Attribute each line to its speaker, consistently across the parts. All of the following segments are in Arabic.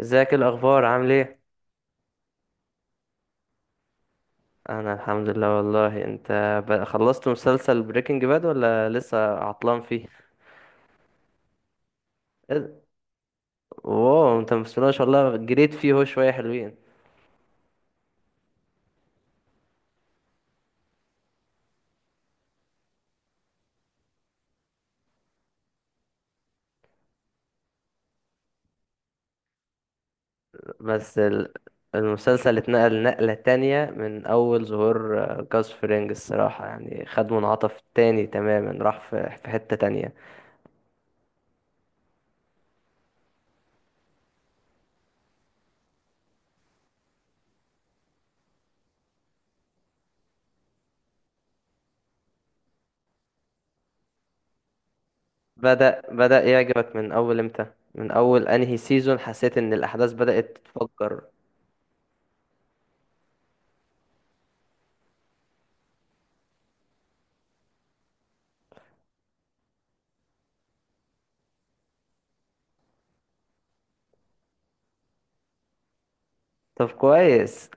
Speaker 1: ازيك، إيه الاخبار؟ عامل ايه؟ انا الحمد لله والله، انت؟ خلصت مسلسل بريكنج باد ولا لسه عطلان فيه؟ إيه ده؟ واو، انت بسم الله ما شاء الله جريت فيه! هو شويه حلوين. بس المسلسل اتنقل نقله تانية من اول ظهور جاس فرينج. الصراحه يعني خد منعطف تاني تماما، راح في حته تانية. بدأ يعجبك من اول امتى؟ من اول انهي سيزون حسيت ان الاحداث بدأت تتفجر؟ طب كويس.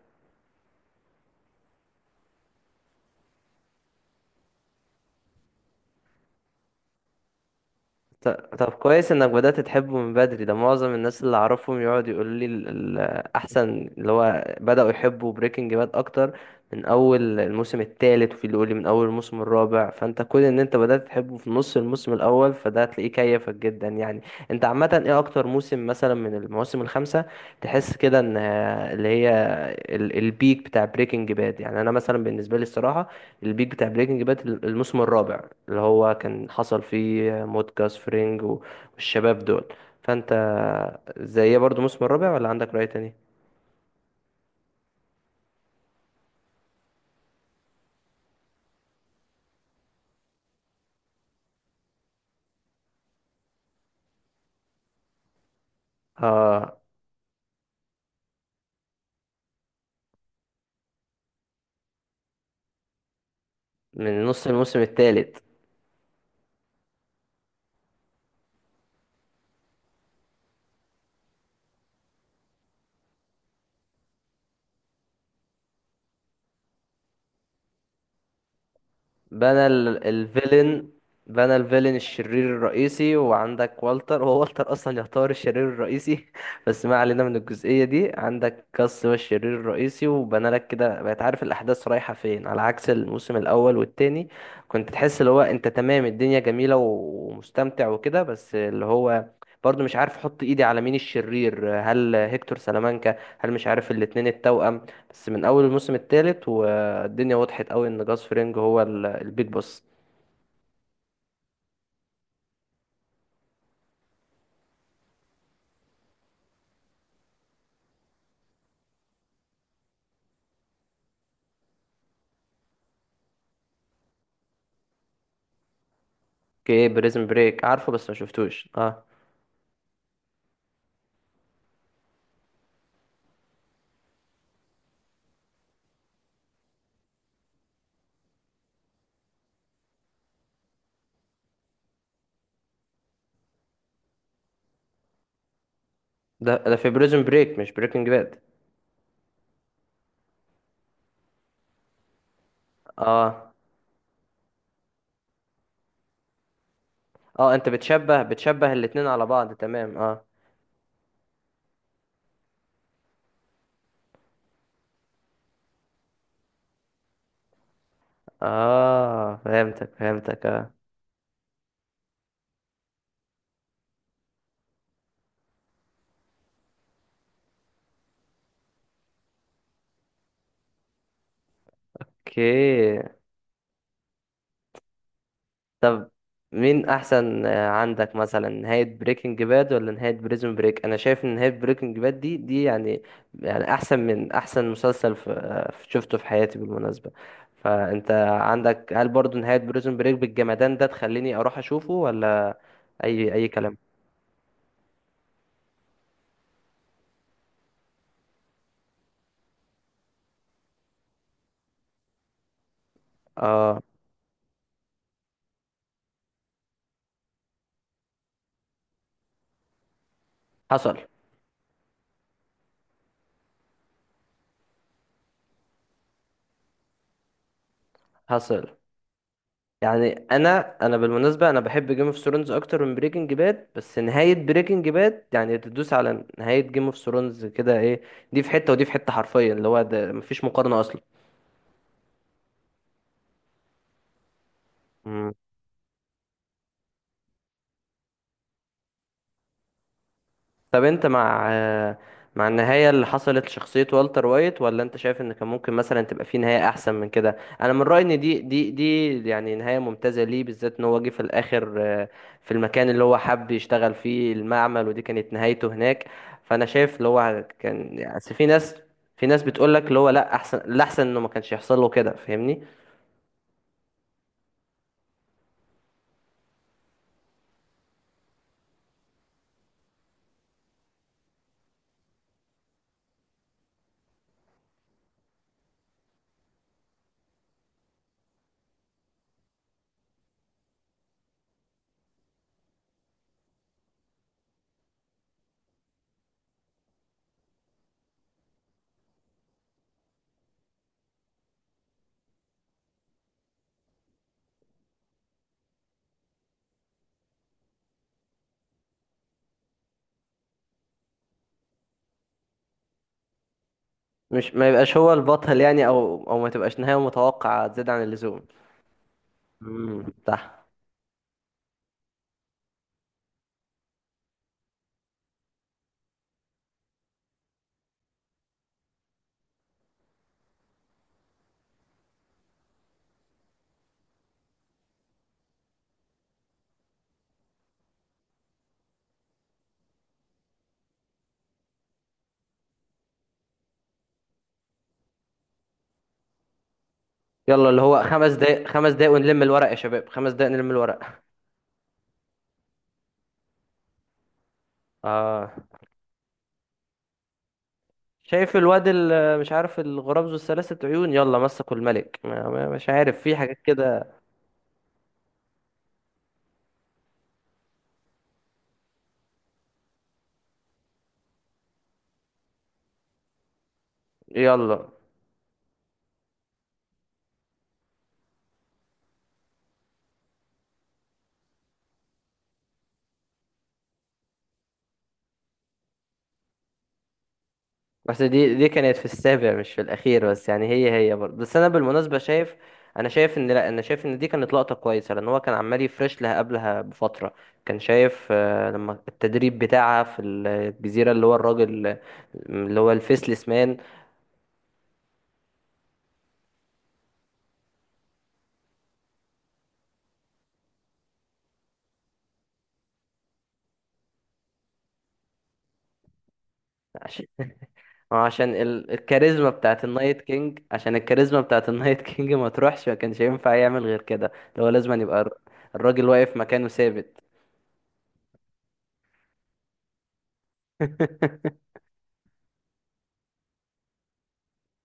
Speaker 1: ط- طب كويس انك بدأت تحبه من بدري. ده معظم الناس اللي اعرفهم يقعد يقول لي احسن، اللي هو بدأوا يحبوا بريكنج باد اكتر من اول الموسم الثالث، وفي اللي يقول لي من اول الموسم الرابع. فانت كون ان انت بدأت تحبه في نص الموسم الاول، فده هتلاقيه كيفك جدا يعني. انت عامة ايه اكتر موسم مثلا من المواسم الخمسة تحس كده ان اللي هي البيك بتاع بريكنج باد؟ يعني انا مثلا بالنسبة لي الصراحة البيك بتاع بريكنج باد الموسم الرابع اللي هو كان حصل فيه موت جاس فرينج والشباب دول. فانت زي برضو الموسم الرابع، ولا عندك رأي تاني؟ اه. من نص الموسم الثالث. بنى الفيلن. بنى الفيلن الشرير الرئيسي، وعندك والتر. هو والتر اصلا يعتبر الشرير الرئيسي بس ما علينا من الجزئية دي. عندك كاس هو الشرير الرئيسي، وبنى لك كده بقيت عارف الاحداث رايحة فين، على عكس الموسم الاول والتاني. كنت تحس اللي هو انت تمام، الدنيا جميلة ومستمتع وكده، بس اللي هو برضه مش عارف احط ايدي على مين الشرير. هل هيكتور سلامانكا، هل مش عارف، الاتنين التوأم. بس من اول الموسم التالت فالدنيا وضحت قوي ان جاس فرينج هو البيج بوس. اوكي، بريزن بريك عارفه بس ما شفتوش، اه. ده في بريزن بريك مش بريكنج باد. اه، اه، انت بتشبه الاتنين على بعض، تمام، اه. اه، فهمتك، اه. اوكي. طب مين احسن، عندك مثلا نهاية بريكنج باد ولا نهاية بريزون بريك؟ انا شايف ان نهاية بريكنج باد دي يعني، يعني احسن من احسن مسلسل شفته في حياتي بالمناسبة. فانت عندك هل برضو نهاية بريزون بريك بالجمدان ده تخليني اروح اشوفه ولا؟ اي كلام. اه، حصل. حصل يعني انا، بالمناسبه انا بحب جيم اوف ثرونز اكتر من بريكنج باد، بس نهايه بريكنج باد يعني تدوس على نهايه جيم اوف ثرونز كده، ايه. دي في حته ودي في حته حرفيا، اللي هو ده مفيش مقارنه اصلا. طب انت مع النهاية اللي حصلت لشخصية والتر وايت، ولا انت شايف ان كان ممكن مثلا تبقى في نهاية احسن من كده؟ انا من رأيي ان دي يعني نهاية ممتازة، ليه بالذات ان هو جه في الاخر، في المكان اللي هو حب يشتغل فيه المعمل، ودي كانت نهايته هناك. فانا شايف اللي هو كان يعني، أصل في ناس، في ناس بتقول لك اللي هو لا، احسن الاحسن انه ما كانش يحصل له كده، فاهمني؟ مش ما يبقاش هو البطل يعني، او ما تبقاش نهاية متوقعة زيادة عن اللزوم. امم. يلا اللي هو 5 دقايق، 5 دقايق ونلم الورق يا شباب، 5 دقايق نلم الورق. اه. شايف الواد، مش عارف، الغراب ذو الثلاثة عيون، يلا مسكوا الملك، مش عارف، في حاجات كده. يلا. بس دي كانت في السابع مش في الأخير، بس يعني هي برضه. بس أنا بالمناسبة شايف، أنا شايف إن لأ، أنا شايف إن دي كانت لقطة كويسة، لأن هو كان عمال يفرش لها قبلها بفترة. كان شايف، لما التدريب بتاعها في الجزيرة، اللي هو الراجل اللي هو الفيسلس مان. ما هو عشان الكاريزما بتاعت النايت كينج، عشان الكاريزما بتاعت النايت كينج ما تروحش، ما كانش ينفع يعمل غير كده. اللي هو لازم أن يبقى الراجل واقف مكانه ثابت.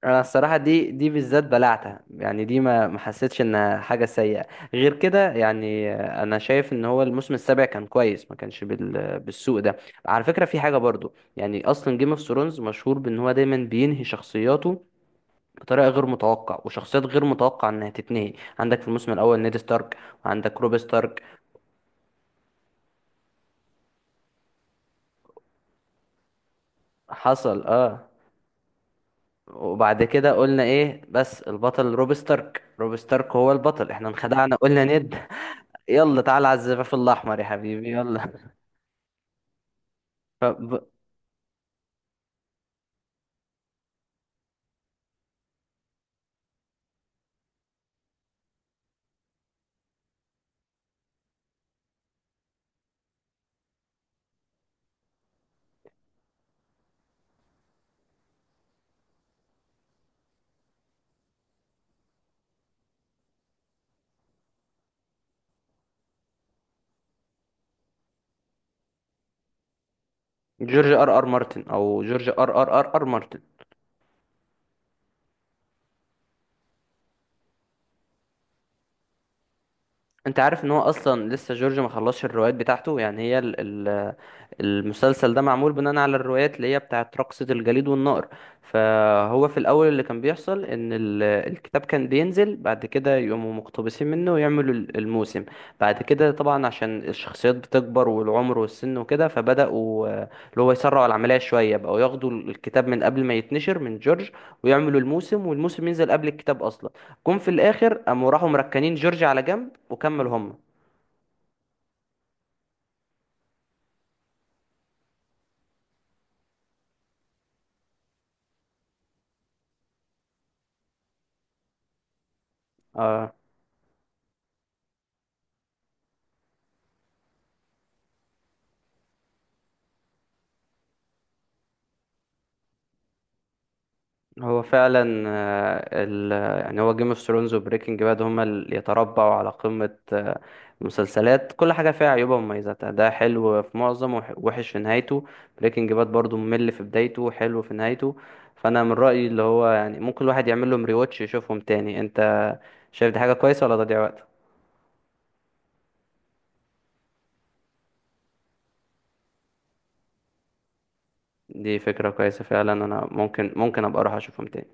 Speaker 1: انا الصراحه دي بالذات بلعتها يعني. دي ما حسيتش انها حاجه سيئه غير كده. يعني انا شايف ان هو الموسم السابع كان كويس، ما كانش بالسوء ده. على فكره في حاجه برضو، يعني اصلا جيم اوف ثرونز مشهور بان هو دايما بينهي شخصياته بطريقه غير متوقع، وشخصيات غير متوقع انها تتنهي. عندك في الموسم الاول نيد ستارك، وعندك روب ستارك. حصل، اه. وبعد كده قلنا ايه؟ بس البطل روب ستارك، روب ستارك هو البطل، احنا انخدعنا قلنا نيد. يلا، تعالى على الزفاف الاحمر يا حبيبي، يلا. فب- جورج ار ار مارتن او جورج ار ار ار ار مارتن. انت عارف ان هو اصلا لسه جورج ما خلصش الروايات بتاعته؟ يعني هي ال ال المسلسل ده معمول بناء على الروايات اللي هي بتاعت رقصة الجليد والنار. فهو في الاول اللي كان بيحصل ان الكتاب كان بينزل، بعد كده يقوموا مقتبسين منه ويعملوا الموسم. بعد كده طبعا عشان الشخصيات بتكبر والعمر والسن وكده، فبدأوا اللي هو يسرعوا العملية شوية، بقوا ياخدوا الكتاب من قبل ما يتنشر من جورج ويعملوا الموسم والموسم ينزل قبل الكتاب اصلا. جم في الاخر قاموا راحوا مركنين جورج على جنب وكمل هم. اه. هو فعلا، يعني هو جيم اوف ثرونز وبريكنج باد هما اللي يتربعوا على قمة المسلسلات. كل حاجة فيها عيوبها ومميزاتها، ده حلو في معظم وحش في نهايته. بريكنج باد برضو ممل في بدايته، حلو في نهايته. فأنا من رأيي اللي هو يعني ممكن الواحد يعمل لهم ريواتش، يشوفهم تاني. انت شايف دي حاجة كويسة ولا تضييع وقت؟ دي فكرة كويسة فعلا، انا ممكن ابقى اروح اشوفهم تاني.